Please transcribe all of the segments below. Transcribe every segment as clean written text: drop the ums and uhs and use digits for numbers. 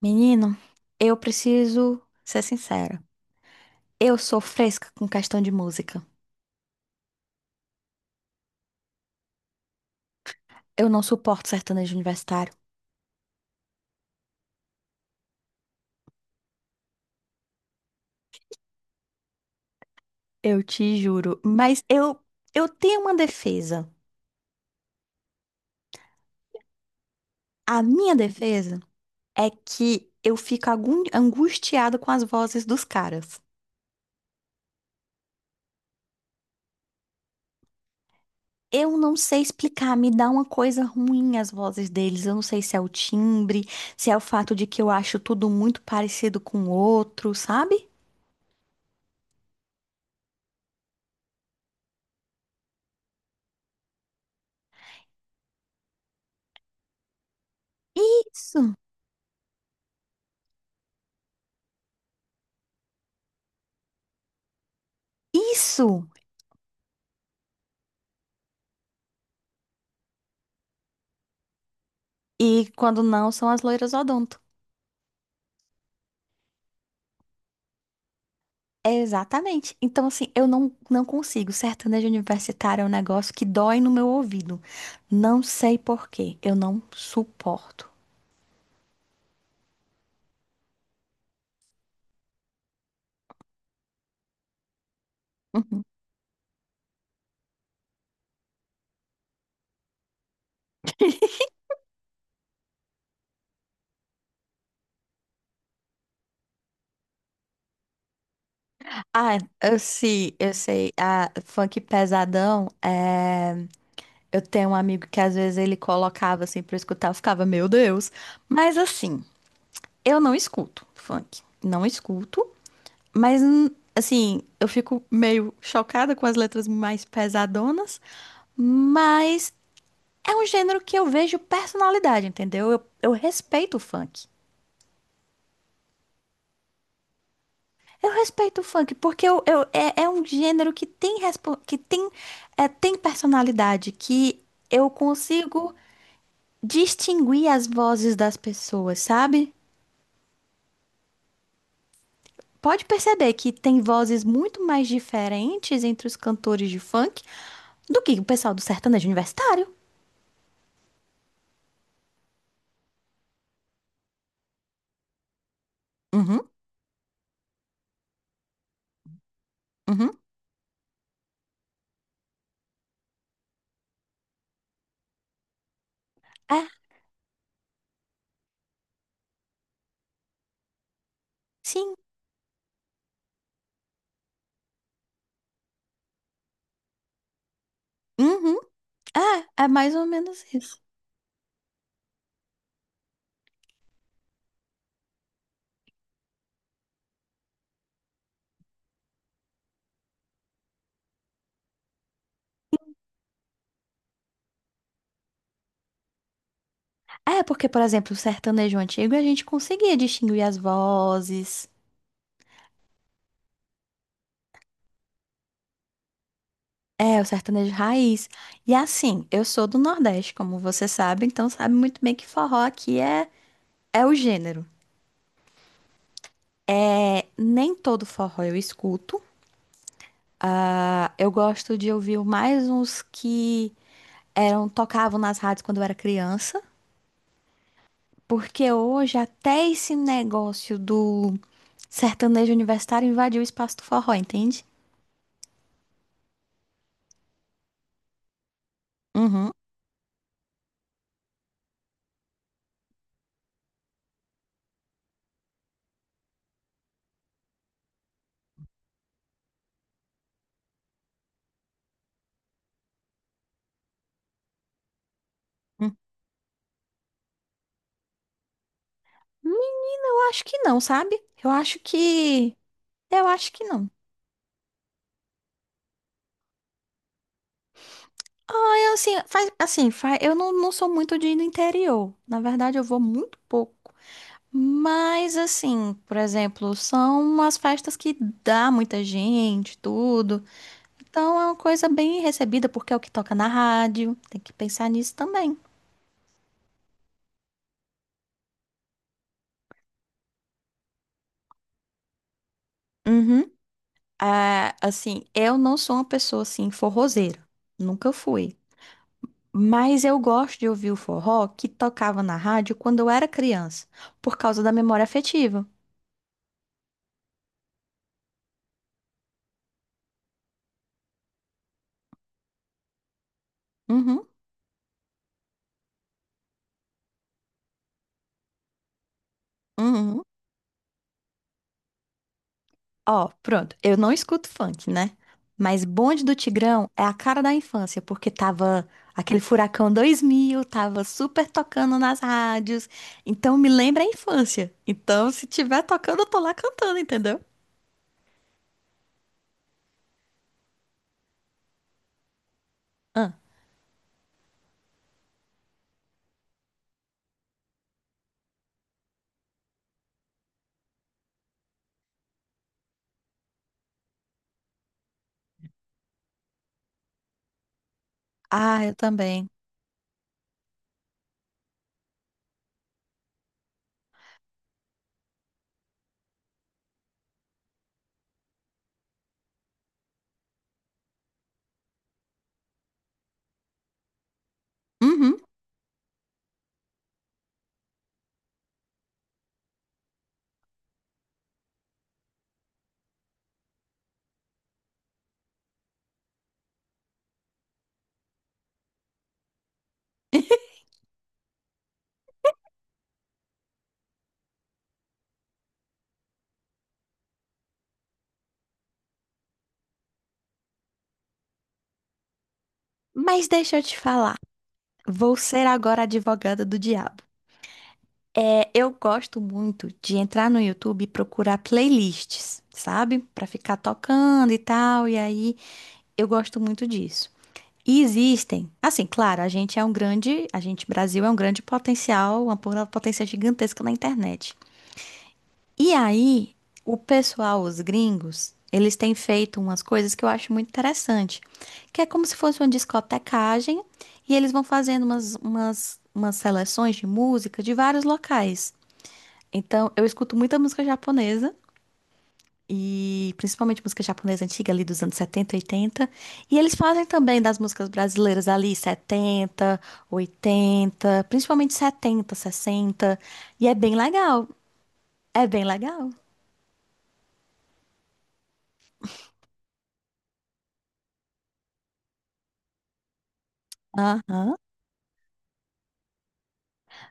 Menino, eu preciso ser sincera. Eu sou fresca com questão de música. Eu não suporto sertanejo universitário. Eu te juro. Mas eu tenho uma defesa. A minha defesa é que eu fico angustiada com as vozes dos caras. Eu não sei explicar, me dá uma coisa ruim as vozes deles. Eu não sei se é o timbre, se é o fato de que eu acho tudo muito parecido com o outro, sabe? Isso, isso. E quando não, são as loiras odonto. É, exatamente. Então, assim, eu não consigo. Sertanejo universitário é um negócio que dói no meu ouvido. Não sei por quê. Eu não suporto. Uhum. Ah, eu sei, eu sei. Ah, funk pesadão, eu tenho um amigo que às vezes ele colocava assim pra eu escutar, eu ficava, meu Deus. Mas assim, eu não escuto funk. Não escuto. Mas, assim, eu fico meio chocada com as letras mais pesadonas, mas é um gênero que eu vejo personalidade, entendeu? Eu respeito o funk. Eu respeito o funk porque é um gênero que tem, que tem, tem personalidade, que eu consigo distinguir as vozes das pessoas, sabe? Pode perceber que tem vozes muito mais diferentes entre os cantores de funk do que o pessoal do sertanejo universitário. Uhum. Uhum. É, sim. Uhum. É, mais ou menos isso. É, porque, por exemplo, o sertanejo antigo a gente conseguia distinguir as vozes. É, o sertanejo raiz. E assim, eu sou do Nordeste, como você sabe, então sabe muito bem que forró aqui é o gênero. É, nem todo forró eu escuto, tá? Eu gosto de ouvir mais uns que eram tocavam nas rádios quando eu era criança. Porque hoje até esse negócio do sertanejo universitário invadiu o espaço do forró, entende? Uhum. Hum. Menina, eu acho que não, sabe? Eu acho que. Eu acho que não. Ah, eu assim, eu não sou muito de ir no interior. Na verdade, eu vou muito pouco. Mas, assim, por exemplo, são umas festas que dá muita gente, tudo. Então é uma coisa bem recebida, porque é o que toca na rádio. Tem que pensar nisso também. Uhum. Ah, assim, eu não sou uma pessoa assim forrozeira, nunca fui. Mas eu gosto de ouvir o forró que tocava na rádio quando eu era criança, por causa da memória afetiva. Uhum, uhum. Ó, pronto, eu não escuto funk, né? Mas Bonde do Tigrão é a cara da infância, porque tava aquele Furacão 2000 tava super tocando nas rádios. Então me lembra a infância. Então se tiver tocando, eu tô lá cantando, entendeu? Ah, ah, eu também. Uhum. Mas deixa eu te falar, vou ser agora a advogada do diabo. É, eu gosto muito de entrar no YouTube e procurar playlists, sabe? Pra ficar tocando e tal, e aí eu gosto muito disso. E existem, assim, claro, a gente Brasil é um grande potencial, uma potência gigantesca na internet. E aí, o pessoal, os gringos, eles têm feito umas coisas que eu acho muito interessante, que é como se fosse uma discotecagem e eles vão fazendo umas seleções de música de vários locais. Então, eu escuto muita música japonesa e principalmente música japonesa antiga ali dos anos 70 80 e eles fazem também das músicas brasileiras ali 70 80 principalmente 70 60 e é bem legal. É bem legal. Aham.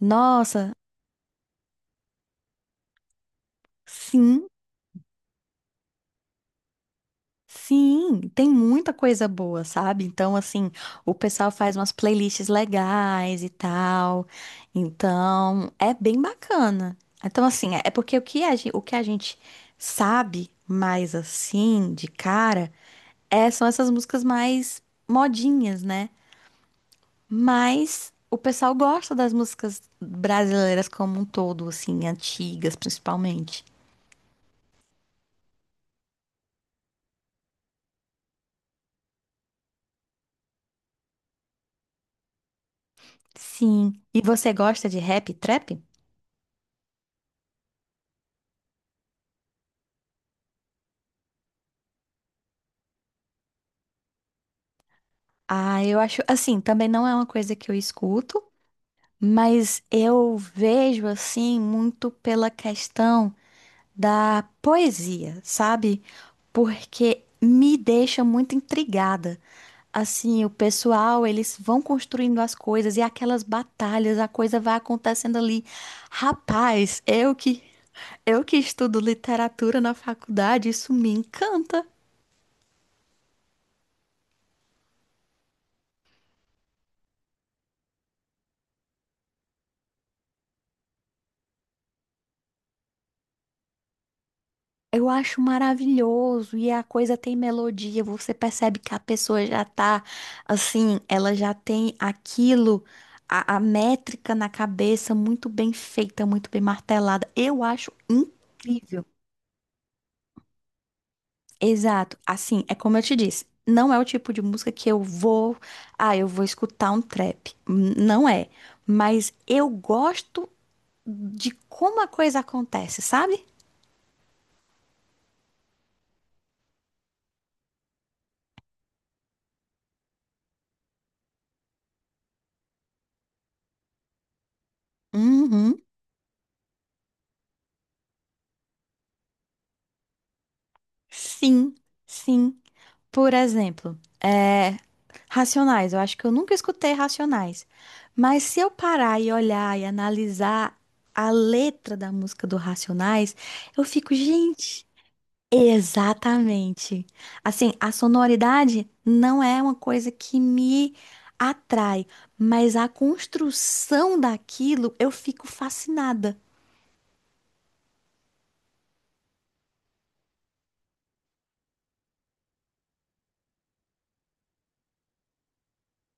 Nossa, sim, sim, tem muita coisa boa, sabe? Então, assim, o pessoal faz umas playlists legais e tal. Então, é bem bacana. Então, assim, é porque o que a gente sabe mais assim, de cara, são essas músicas mais modinhas, né? Mas o pessoal gosta das músicas brasileiras como um todo, assim, antigas principalmente. Sim. E você gosta de rap e trap? Ah, eu acho, assim, também não é uma coisa que eu escuto, mas eu vejo, assim, muito pela questão da poesia, sabe? Porque me deixa muito intrigada. Assim, o pessoal, eles vão construindo as coisas e aquelas batalhas, a coisa vai acontecendo ali. Rapaz, eu que estudo literatura na faculdade, isso me encanta. Eu acho maravilhoso e a coisa tem melodia, você percebe que a pessoa já tá assim, ela já tem aquilo, a métrica na cabeça muito bem feita, muito bem martelada. Eu acho incrível. Exato. Assim, é como eu te disse, não é o tipo de música que eu vou escutar um trap. Não é, mas eu gosto de como a coisa acontece, sabe? Uhum. Sim, sim. Por exemplo, é, Racionais. Eu acho que eu nunca escutei Racionais. Mas se eu parar e olhar e analisar a letra da música do Racionais, eu fico, gente, exatamente. Assim, a sonoridade não é uma coisa que me atrai, mas a construção daquilo eu fico fascinada.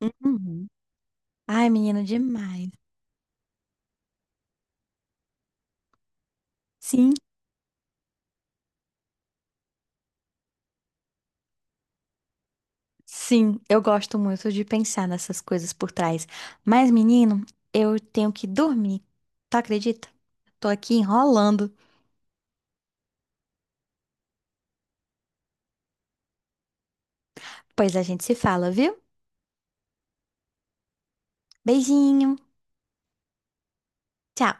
Uhum. Ai, menina, demais. Sim. Sim, eu gosto muito de pensar nessas coisas por trás. Mas, menino, eu tenho que dormir. Tu acredita? Tô aqui enrolando. Pois a gente se fala, viu? Beijinho. Tchau.